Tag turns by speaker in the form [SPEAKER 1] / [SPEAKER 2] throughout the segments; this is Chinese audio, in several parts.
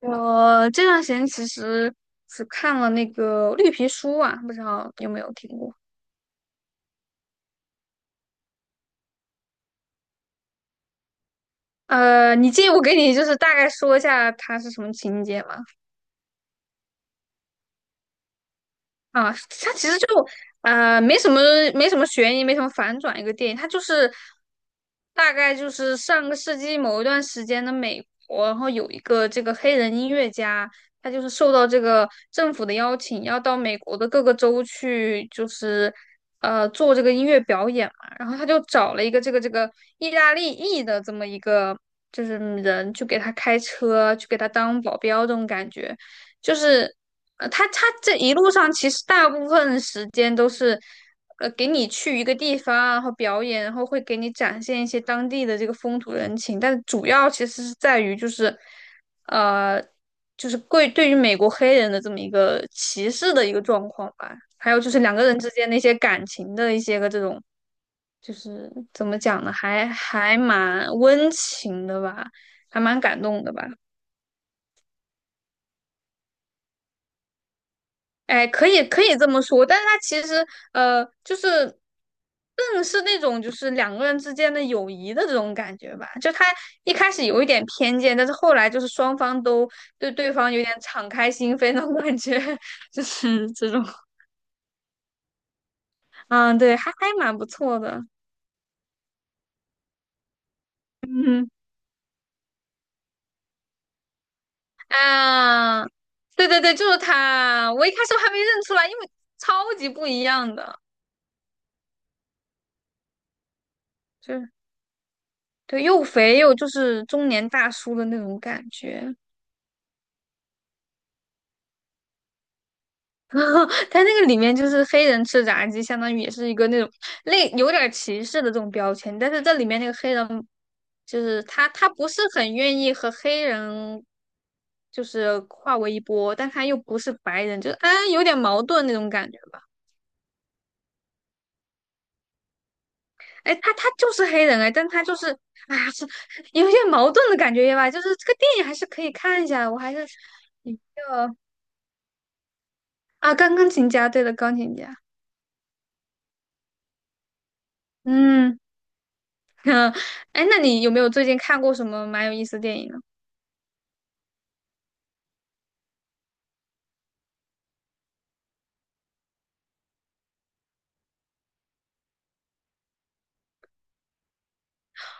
[SPEAKER 1] 我这段时间其实只看了那个《绿皮书》啊，不知道有没有听过？你介意我给你就是大概说一下它是什么情节吗？啊，它其实呃没什么没什么悬疑，没什么反转，一个电影，它就是大概就是上个世纪某一段时间的美国，然后有一个这个黑人音乐家，他就是受到这个政府的邀请，要到美国的各个州去，就是做这个音乐表演嘛，然后他就找了一个这个意大利裔的这么一个就是人去给他开车，去给他当保镖这种感觉。就是他这一路上其实大部分时间都是给你去一个地方啊，然后表演，然后会给你展现一些当地的这个风土人情，但主要其实是在于就是呃就是对于美国黑人的这么一个歧视的一个状况吧，还有就是两个人之间那些感情的一些个这种。就是怎么讲呢，还蛮温情的吧，还蛮感动的吧。哎，可以可以这么说，但是他其实就是更是那种就是两个人之间的友谊的这种感觉吧。就他一开始有一点偏见，但是后来就是双方都对对方有点敞开心扉那种感觉，就是这种，嗯，对，还蛮不错的，嗯啊，对对对，就是他，我一开始还没认出来，因为超级不一样的，就是对，又肥又就是中年大叔的那种感觉。嗯，它那个里面就是黑人吃炸鸡，相当于也是一个那种有点儿歧视的这种标签，但是这里面那个黑人就是他不是很愿意和黑人就是化为一波，但他又不是白人，就是啊有点矛盾那种感觉吧。哎，他就是黑人哎，但他就是啊是有点矛盾的感觉吧，就是这个电影还是可以看一下的。我还是比较啊，钢琴家，对的，钢琴家。嗯。嗯，哎，那你有没有最近看过什么蛮有意思的电影呢？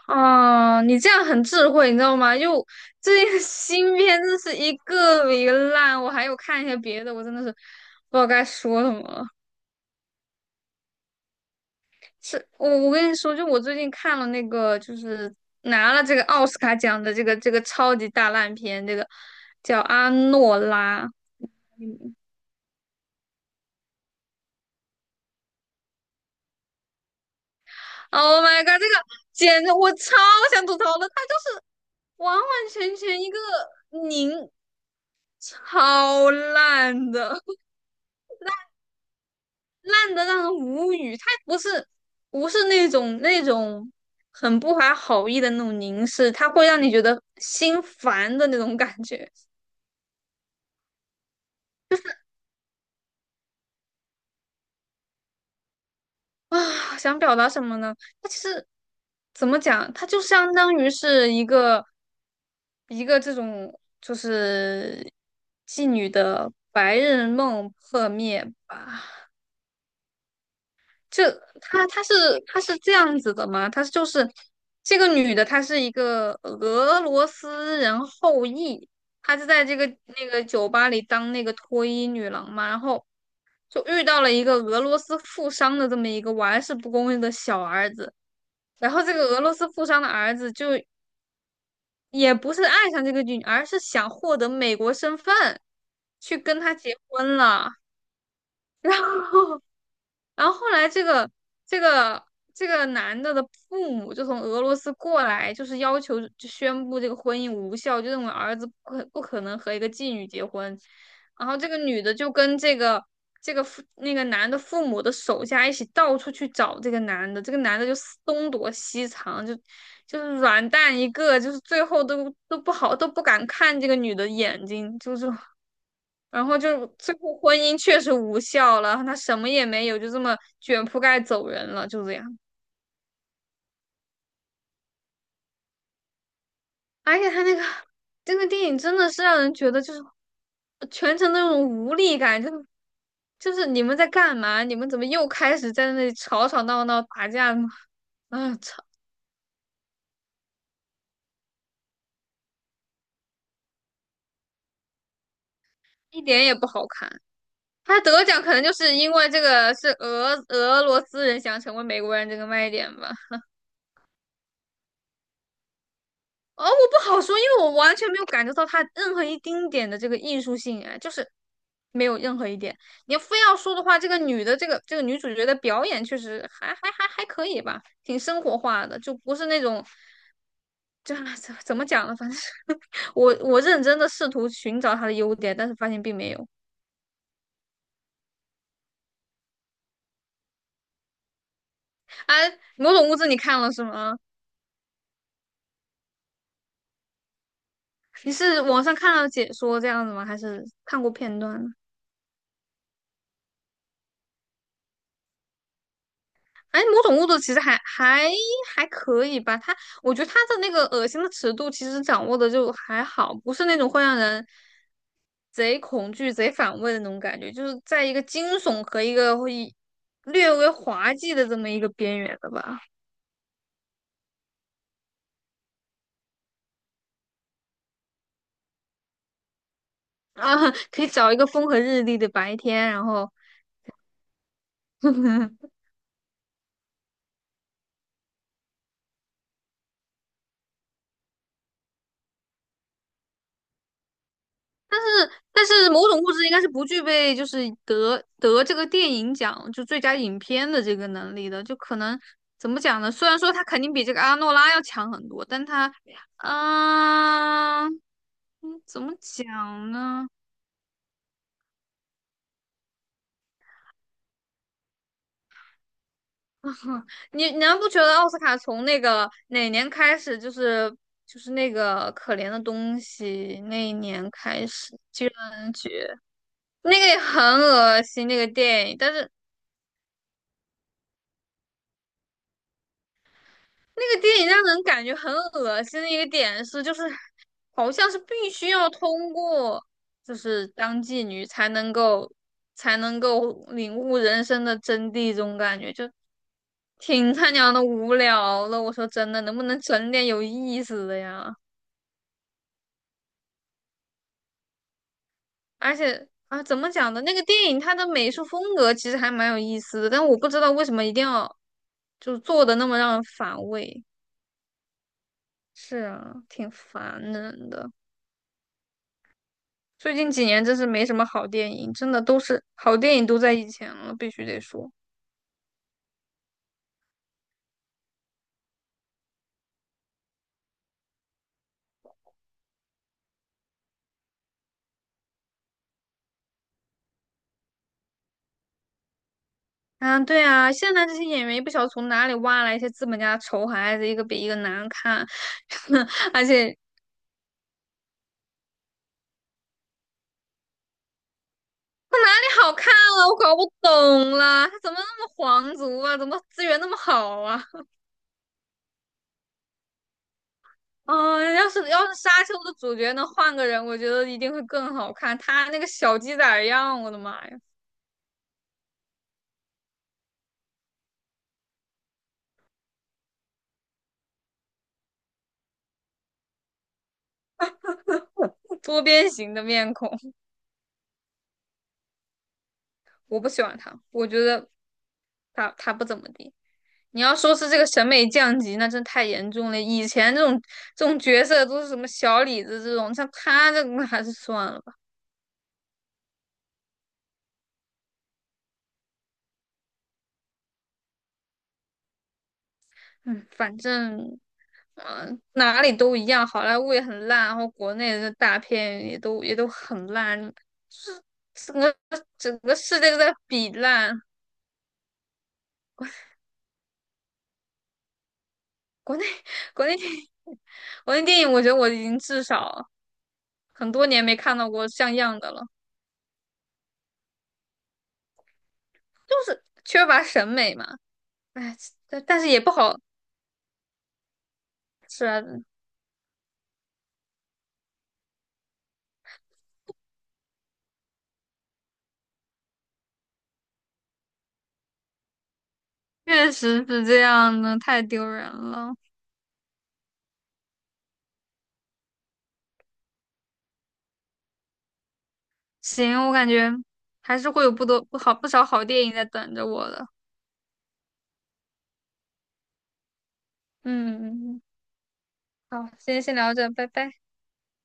[SPEAKER 1] 哦，你这样很智慧，你知道吗？就最近的 新片真是一个比一个烂，我还有看一些别的，我真的是不知道该说什么了。是我跟你说，就我最近看了那个，就是拿了这个奥斯卡奖的这个超级大烂片，这个叫《阿诺拉》。Oh my god!这个简直我超想吐槽的，它就是完完全全一个拧，超烂的，烂的让人无语。他不是那种很不怀好意的那种凝视，他会让你觉得心烦的那种感觉啊。想表达什么呢？他其实怎么讲，他就相当于是一个这种就是妓女的白日梦破灭吧。就他他是他是这样子的吗？他就是这个女的，她是一个俄罗斯人后裔，她就在这个那个酒吧里当那个脱衣女郎嘛，然后就遇到了一个俄罗斯富商的这么一个玩世不恭的小儿子，然后这个俄罗斯富商的儿子就也不是爱上这个女，而是想获得美国身份去跟她结婚了，然后然后后来这个这个男的的父母就从俄罗斯过来，就是要求就宣布这个婚姻无效，就认为儿子不可能和一个妓女结婚。然后这个女的就跟这个那个男的父母的手下一起到处去找这个男的，这个男的就东躲西藏，就是软蛋一个，就是最后都不好都不敢看这个女的眼睛，就是。然后就最后婚姻确实无效了，他什么也没有，就这么卷铺盖走人了，就这样。而且他那个这个电影真的是让人觉得就是全程那种无力感，就是你们在干嘛？你们怎么又开始在那里吵吵闹闹打架吗？啊，操，一点也不好看。他得奖可能就是因为这个是俄罗斯人想成为美国人这个卖点吧。哦，我不好说，因为我完全没有感受到它任何一丁点的这个艺术性，哎，就是没有任何一点。你要非要说的话，这个女的这个这个女主角的表演确实还可以吧，挺生活化的，就不是那种怎么讲呢？反正 我认真的试图寻找她的优点，但是发现并没有。哎，《某种物质》你看了是吗？你是网上看了解说这样子吗？还是看过片段呢？哎，某种物质其实还可以吧，我觉得他的那个恶心的尺度其实掌握的就还好，不是那种会让人贼恐惧、贼反胃的那种感觉，就是在一个惊悚和一个会略微滑稽的这么一个边缘的吧。啊，可以找一个风和日丽的白天，然后 但是某种物质应该是不具备就是得这个电影奖就最佳影片的这个能力的，就可能怎么讲呢？虽然说他肯定比这个阿诺拉要强很多，但他，啊，怎么讲呢？你难不觉得奥斯卡从那个哪年开始，就是那个可怜的东西那一年开始，居然那个也很恶心那个电影，但是那个电影让人感觉很恶心的一个点是，就是好像是必须要通过就是当妓女才能够领悟人生的真谛，这种感觉就挺他娘的无聊的。我说真的，能不能整点有意思的呀？而且啊，怎么讲呢？那个电影它的美术风格其实还蛮有意思的，但我不知道为什么一定要就做的那么让人反胃。是啊，挺烦人的。最近几年真是没什么好电影，真的都是好电影都在以前了，必须得说。啊。对啊，现在这些演员也不晓得从哪里挖来一些资本家的丑孩子，一个比一个难看，而且他哪里好看了？我搞不懂了，他怎么那么皇族啊？怎么资源那么好啊？啊，要是《沙丘》的主角能换个人，我觉得一定会更好看。他那个小鸡仔儿样，我的妈呀，多边形的面孔，我不喜欢他，我觉得他不怎么地。你要说是这个审美降级，那真太严重了。以前这种角色都是什么小李子这种，像他这个那 还是算了吧。嗯，反正哪里都一样，好莱坞也很烂，然后国内的大片也都很烂，就是整个整个世界都在比烂。国内 国内电影，国内电影，我觉得我已经至少很多年没看到过像样的了，就是缺乏审美嘛。哎，但是也不好，是啊，确实是这样的，太丢人了。行，我感觉还是会有不少好电影在等着我的。嗯，嗯嗯。好，今天先聊这，拜拜。